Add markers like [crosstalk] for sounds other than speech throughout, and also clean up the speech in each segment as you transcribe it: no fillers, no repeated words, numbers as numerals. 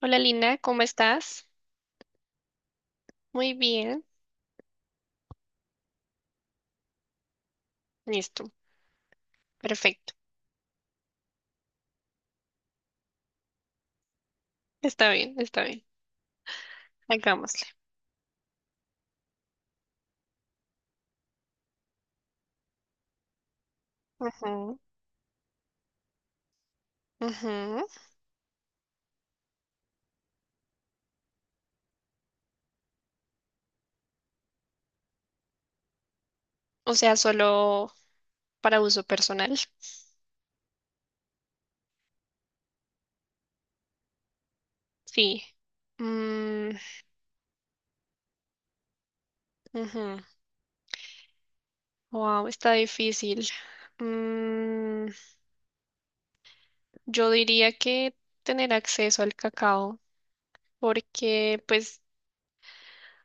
Hola Lina, ¿cómo estás? Muy bien. Listo. Perfecto. Está bien, está bien. Hagámosle. Ujú, ujú. O sea, solo para uso personal. Sí. Mm, ujú. Wow, está difícil. Mm, yo diría que tener acceso al cacao, porque pues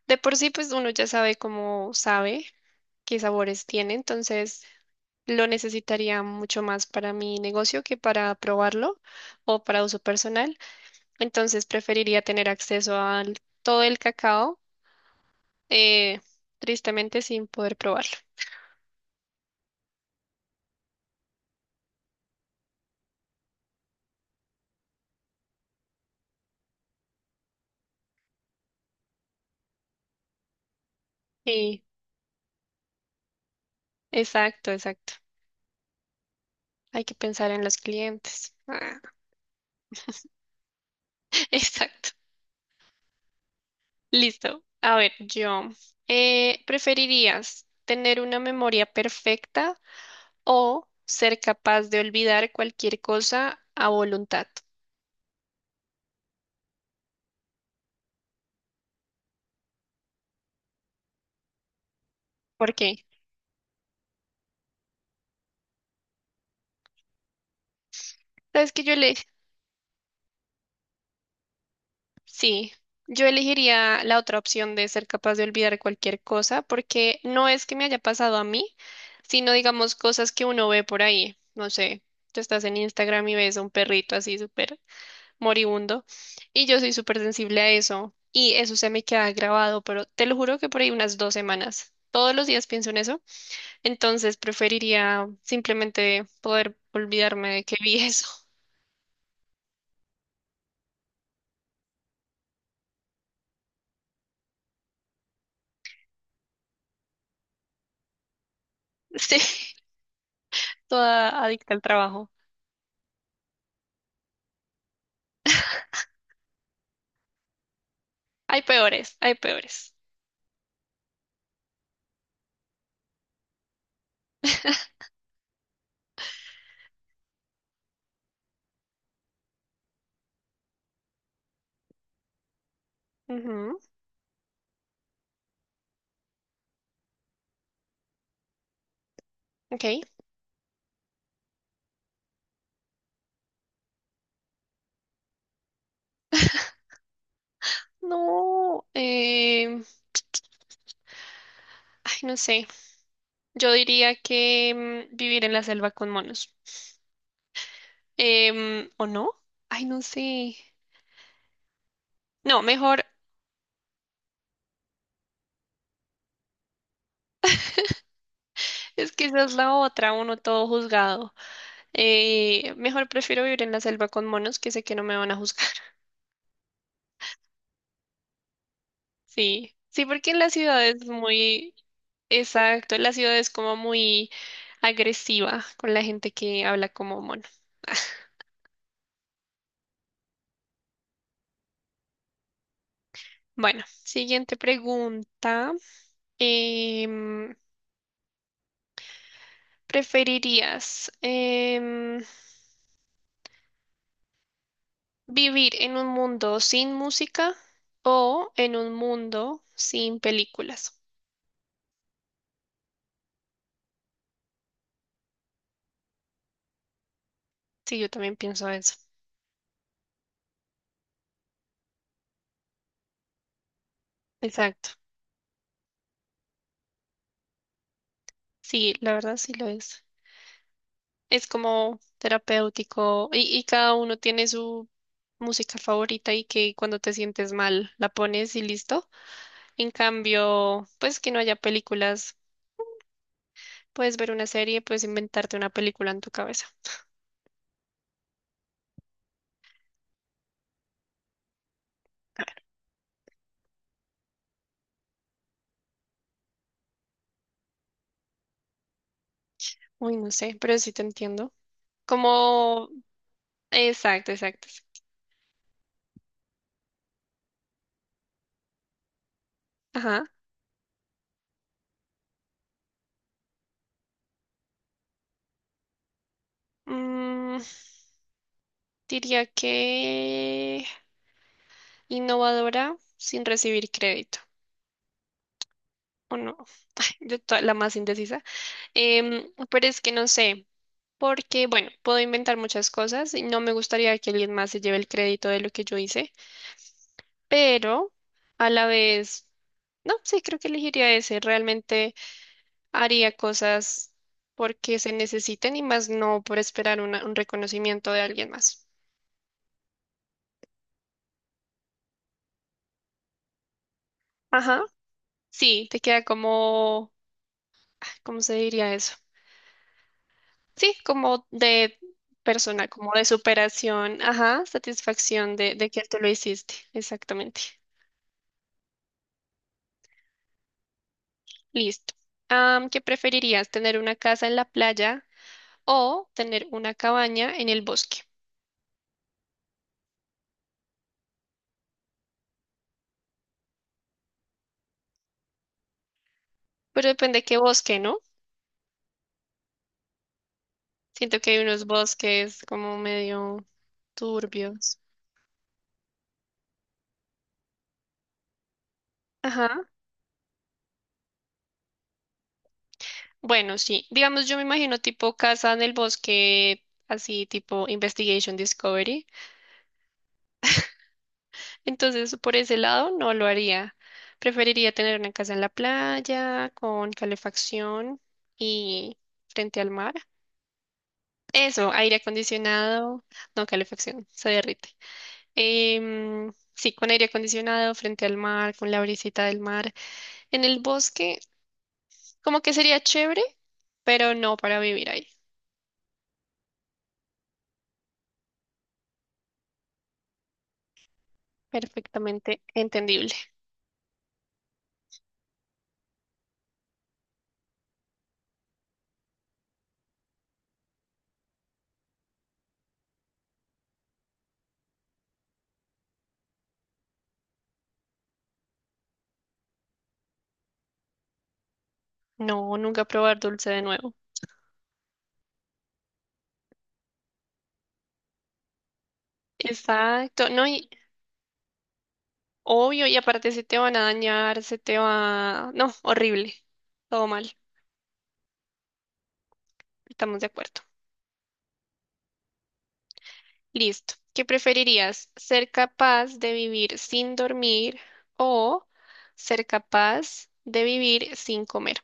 de por sí pues uno ya sabe cómo sabe. Qué sabores tiene, entonces lo necesitaría mucho más para mi negocio que para probarlo o para uso personal. Entonces preferiría tener acceso a todo el cacao, eh, tristemente sin poder probarlo. Sí, exacto, exacto. Hay que pensar en los clientes. Ah, [laughs] exacto. Listo. A ver, ¿preferirías tener una memoria perfecta o ser capaz de olvidar cualquier cosa a voluntad? ¿Por qué? ¿Sabes que yo le... Sí, yo elegiría la otra opción de ser capaz de olvidar cualquier cosa, porque no es que me haya pasado a mí, sino digamos cosas que uno ve por ahí. No sé, tú estás en Instagram y ves a un perrito así súper moribundo, y yo soy súper sensible a eso, y eso se me queda grabado, pero te lo juro que por ahí unas dos semanas. Todos los días pienso en eso, entonces preferiría simplemente poder olvidarme de que vi eso. [laughs] Sí, toda adicta al trabajo. Hay peores, hay peores. Ujú, ok. No, ay, no sé. Yo diría que vivir en la selva con monos. ¿O no? Ay, no sé. No, mejor, es que esa es la otra, uno todo juzgado. Mejor prefiero vivir en la selva con monos que sé que no me van a juzgar. [laughs] Sí, sí, porque en la ciudad es muy, exacto, en la ciudad es como muy agresiva con la gente que habla como mono. Bueno, siguiente pregunta. Em, ¿Preferirías vivir en un mundo sin música o en un mundo sin películas? Sí, yo también pienso eso. Exacto. Sí, la verdad sí lo es. Es como terapéutico y cada uno tiene su música favorita y que cuando te sientes mal la pones y listo. En cambio, pues que no haya películas. Puedes ver una serie, puedes inventarte una película en tu cabeza. Uy, no sé, pero sí te entiendo. Como, exacto, exacto. Ajá. Mm, diría que innovadora sin recibir crédito, ¿o no? [laughs] La más indecisa. Pero es que no sé, porque, bueno, puedo inventar muchas cosas y no me gustaría que alguien más se lleve el crédito de lo que yo hice, pero a la vez, no, sí, creo que elegiría ese. Realmente haría cosas porque se necesiten y más no por esperar un reconocimiento de alguien más. Ajá, sí, te queda como, ah, ¿cómo se diría eso? Sí, como de persona, como de superación, ajá, satisfacción de que tú lo hiciste, exactamente. Listo. Am, ¿qué preferirías, tener una casa en la playa o tener una cabaña en el bosque? Pero depende qué bosque, ¿no? Siento que hay unos bosques como medio turbios. Ajá. Bueno, sí. Digamos, yo me imagino tipo casa en el bosque, así tipo Investigation Discovery. Entonces, por ese lado, no lo haría. Preferiría tener una casa en la playa, con calefacción y frente al mar. Eso, aire acondicionado, no calefacción, se derrite. Sí, con aire acondicionado, frente al mar, con la brisita del mar. En el bosque, como que sería chévere, pero no para vivir ahí. Perfectamente entendible. No, nunca probar dulce de nuevo. Exacto, no, y obvio, y aparte se te van a dañar, se te va... No, horrible. Todo mal, estamos de acuerdo. Listo. ¿Qué preferirías? ¿Ser capaz de vivir sin dormir o ser capaz de vivir sin comer?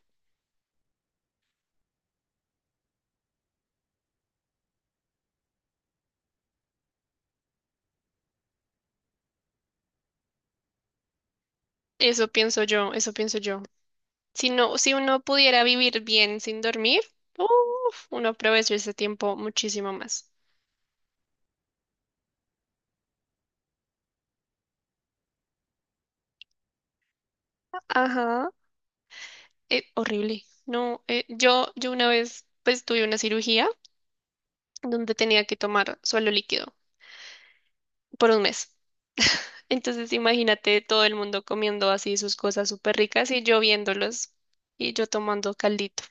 Eso pienso yo, eso pienso yo. Si no, si uno pudiera vivir bien sin dormir, uf, uno aprovecha ese tiempo muchísimo más. Ajá. Horrible. No, yo una vez pues tuve una cirugía donde tenía que tomar suelo líquido por un mes. Entonces imagínate todo el mundo comiendo así sus cosas súper ricas y yo viéndolos y yo tomando caldito.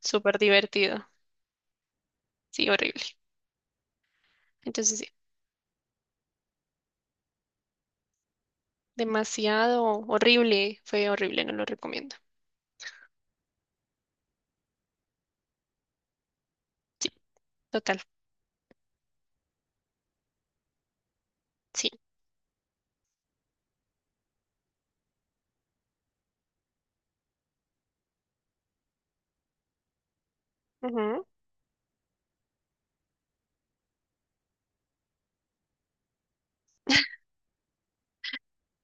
Súper divertido. Sí, horrible. Entonces sí, demasiado horrible. Fue horrible, no lo recomiendo. Total, sí. Ujú.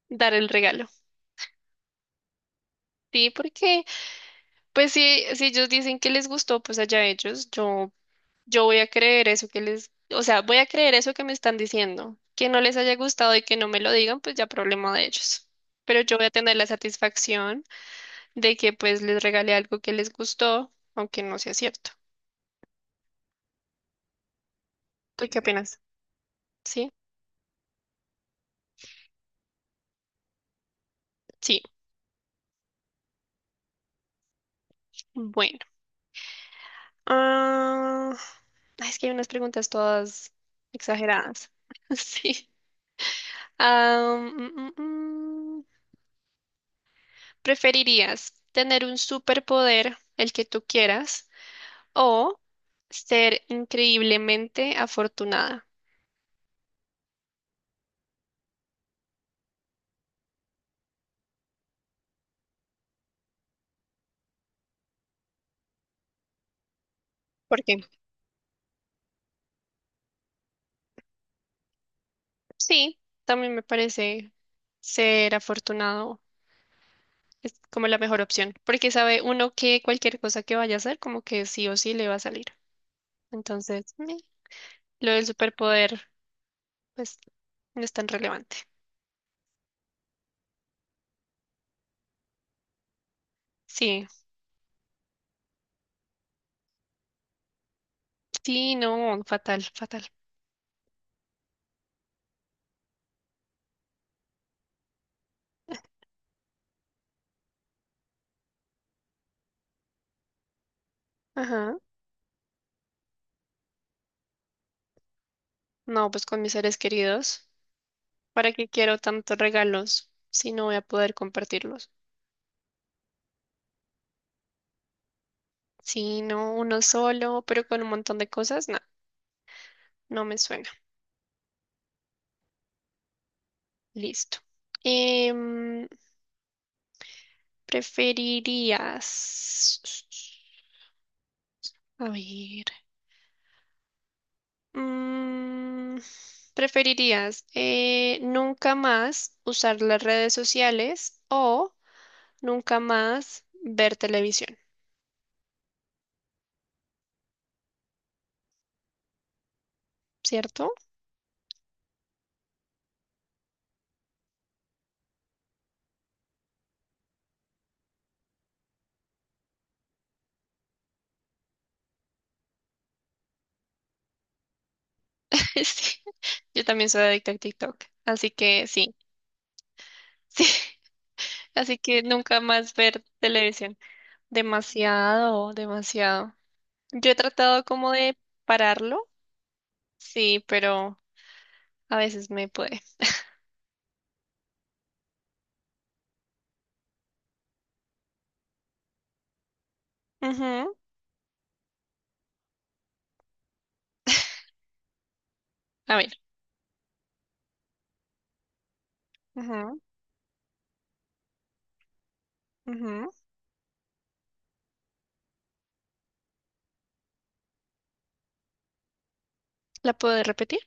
Dar el regalo. Sí, porque pues sí, si ellos dicen que les gustó, pues allá ellos. Yo Yo voy a creer eso que les, o sea, voy a creer eso que me están diciendo. Que no les haya gustado y que no me lo digan, pues ya problema de ellos. Pero yo voy a tener la satisfacción de que pues les regalé algo que les gustó, aunque no sea cierto. ¿Tú qué opinas? ¿Sí? Sí. Bueno. Ah, ay, es que hay unas preguntas todas exageradas. [laughs] Sí. Ah, mm, mm, mm. ¿Preferirías tener un superpoder, el que tú quieras? O ser increíblemente afortunada. Porque sí, también me parece ser afortunado es como la mejor opción. Porque sabe uno que cualquier cosa que vaya a hacer, como que sí o sí le va a salir. Entonces, meh, lo del superpoder, pues no es tan relevante. Sí, sí, no, fatal, fatal. Ajá. No, pues con mis seres queridos. ¿Para qué quiero tantos regalos si no voy a poder compartirlos? Sí, no, uno solo, pero con un montón de cosas, no, no me suena. Listo. Em, ¿Preferirías... A ver. mm, ¿Preferirías nunca más usar las redes sociales o nunca más ver televisión? ¿Cierto? [laughs] Sí. Yo también soy adicta a TikTok, así que sí, sí. [laughs] Así que nunca más ver televisión. Demasiado, demasiado. Yo he tratado como de pararlo, sí, pero a veces me puede. Ujú, a ver. Ujú, ujú. ¿La puedo repetir?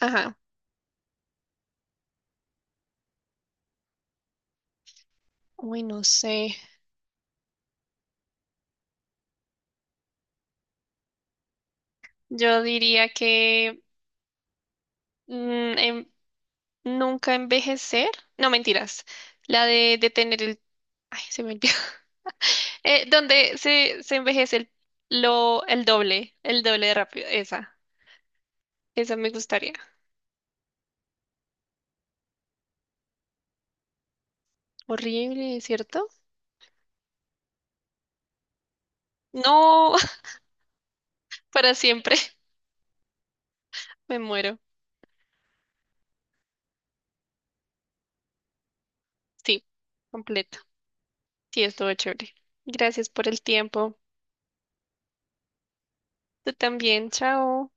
Ajá. Uy, no sé. Yo diría que mm, em- nunca envejecer. No, mentiras. La de detener el... Ay, se me olvidó. [laughs] Donde se envejece el doble de rápido. Esa. Esa me gustaría. Horrible, ¿cierto? No, [laughs] para siempre. [laughs] Me muero. Sí, completa. Sí, estuvo chévere. Gracias por el tiempo. Tú también, chao.